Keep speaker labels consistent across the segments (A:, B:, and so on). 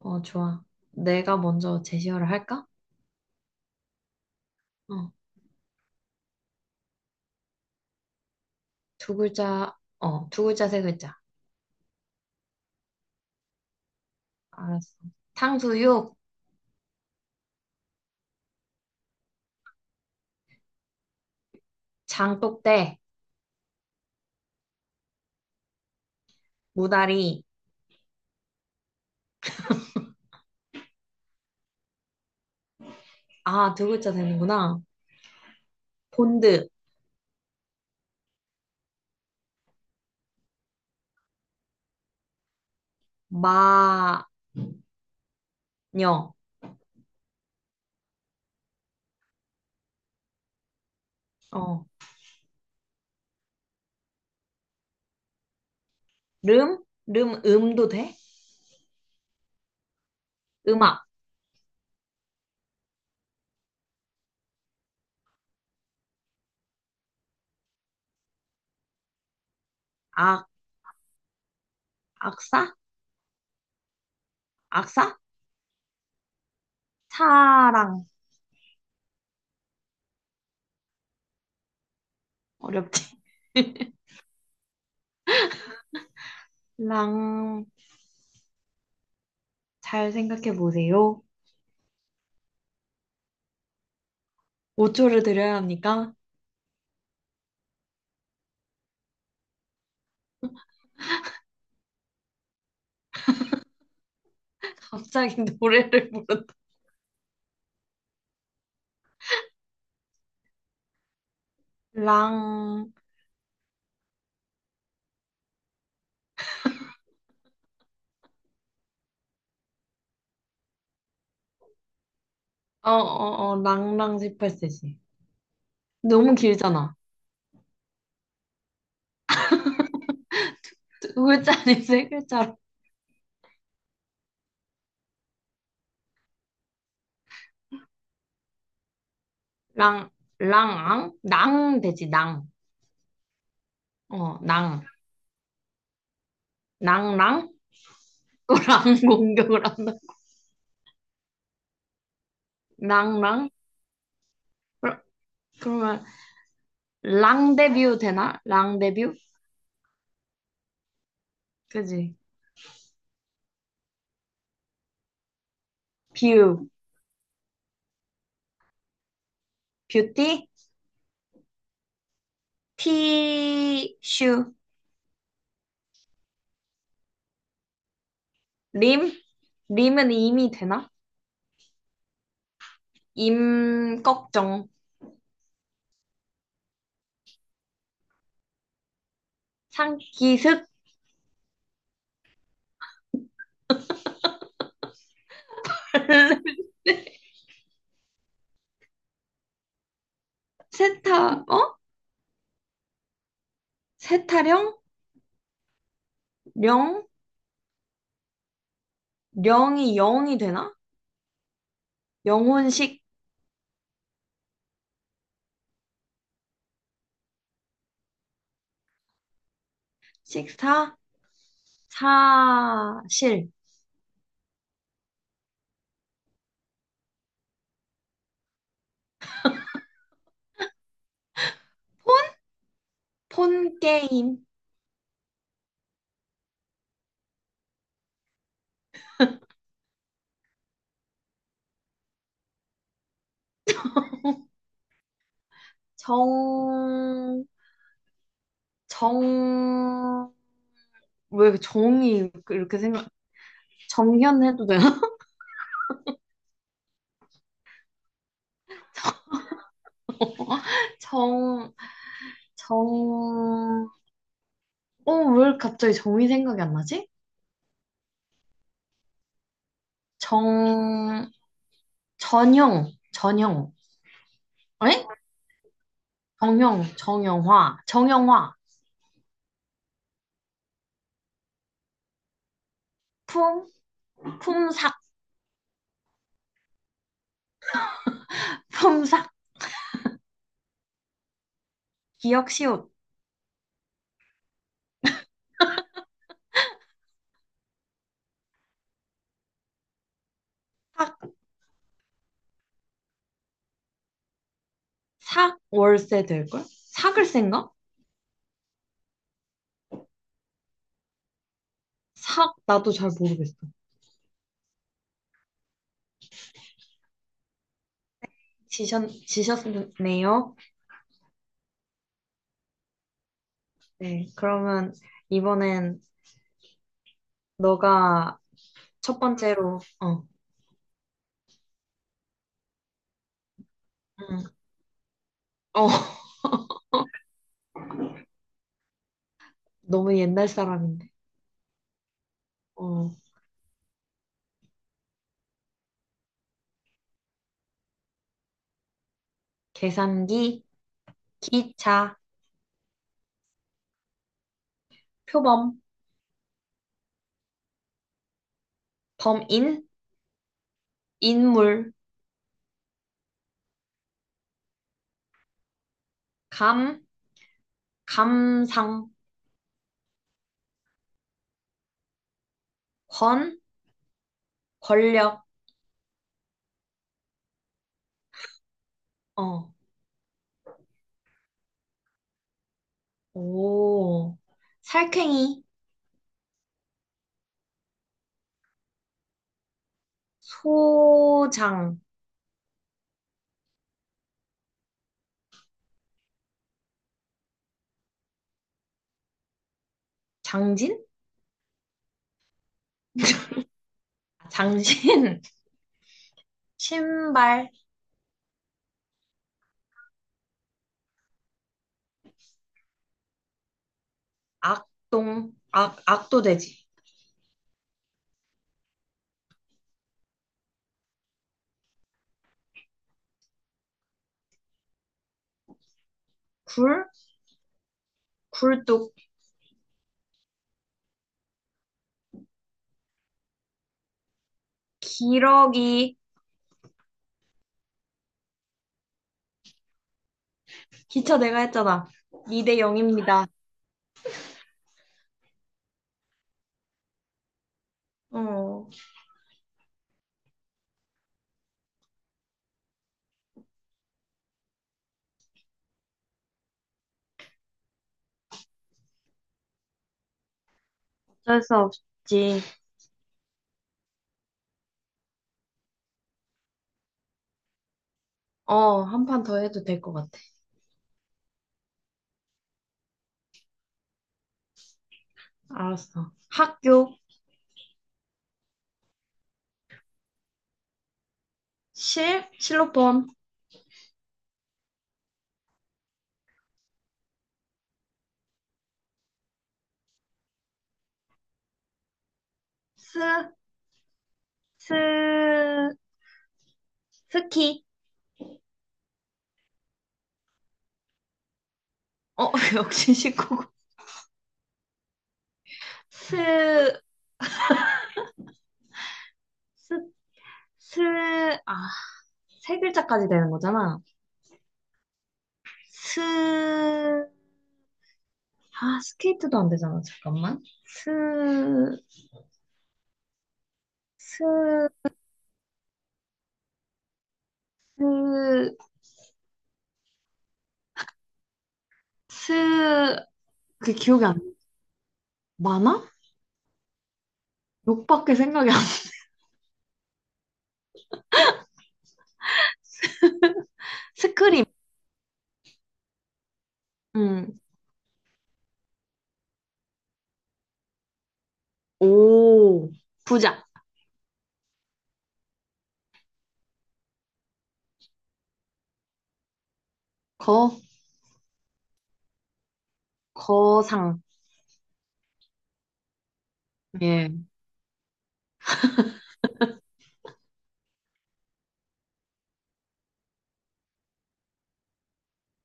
A: 어, 좋아. 내가 먼저 제시어를 할까? 어, 두 글자, 어, 두 글자, 세 글자. 알았어. 탕수육, 장독대, 무다리. 아, 두 글자 되는구나. 본드, 마녀. 어, 름, 름, 음도 돼? 음악, 악, 악사, 악사? 사랑. 어렵지? 랑, 잘 생각해 보세요. 5초를 드려야 합니까? 갑자기 노래를 부른다. 랑. 어, 어, 어, 랑랑 18세지. 너무 길잖아. 두 글자 아니 세 글자로. 랑, 랑앙? 낭 되지, 낭. 어, 낭. 낭랑? 또 랑 공격을 한다. 낭랑? 그러- 그러면, 랑 데뷔 되나? 랑 데뷔? 그지? 뷰. 뷰티? 티슈. 림? 림은 임이 되나? 임, 걱정. 상기습? 세타, 어? 세타령? 령? 영이 영이 되나? 영혼식, 식사, 사실, 폰 게임, 정, 정, 왜 정이 이렇게 생각. 정현 해도 되나? 정, 정. 어, 왜 갑자기 정이 생각이 안 나지? 정, 전형, 전형. 에? 정형, 정형화, 정형화. 품, 품삭, 품삭, 기억시옷. 삭 월세 될걸? 삭을센가? 삭 나도 잘 모르겠어. 지셨네요. 네, 그러면 이번엔 너가 첫 번째로 어, 응. 어, 너무 옛날 사람인데. 어, 계산기, 기차, 표범, 범인, 인물, 감, 감상, 권, 권력. 어, 오, 살쾡이, 소장, 장진? 장신, 신발, 악동, 악, 악도돼지, 굴, 굴뚝, 기러기, 기차 내가 했잖아. 2대 0입니다. 어, 어쩔 수 없지. 어, 한 판 더 해도 될 것 같아. 알았어. 학교, 실, 실로폰, 스, 스, 스키. 어, 역시 1구고. 스, 스, 스, 아, 세 글자까지 되는 거잖아. 스, 아, 스케이트도 안 되잖아. 잠깐만. 스, 스, 스, 스, 그 기억이 안 나. 많아? 욕밖에 생각이 안 나. 스크림. 음. 오. 부자. 거, 거상. 예.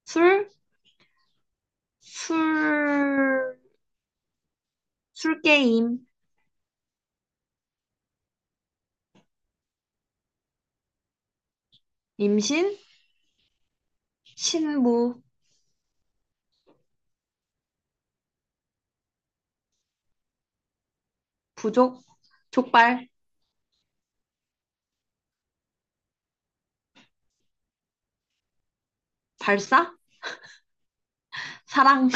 A: 술, 술, 술게임. 임신, 신부, 부족, 족발, 발사, 사랑.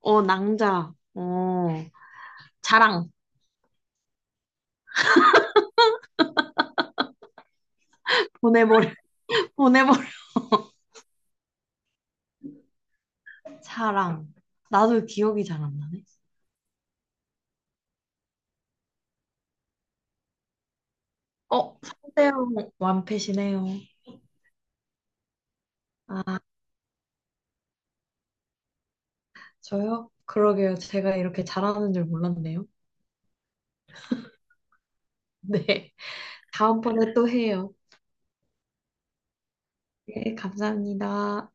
A: 어, 낭자, 어, 자랑. 보내버려, 보내버려. 사랑. 나도 기억이 잘 안 나네. 어, 상대형 완패시네요. 아, 저요? 그러게요. 제가 이렇게 잘하는 줄 몰랐네요. 네. 다음번에 또 해요. 네, 감사합니다.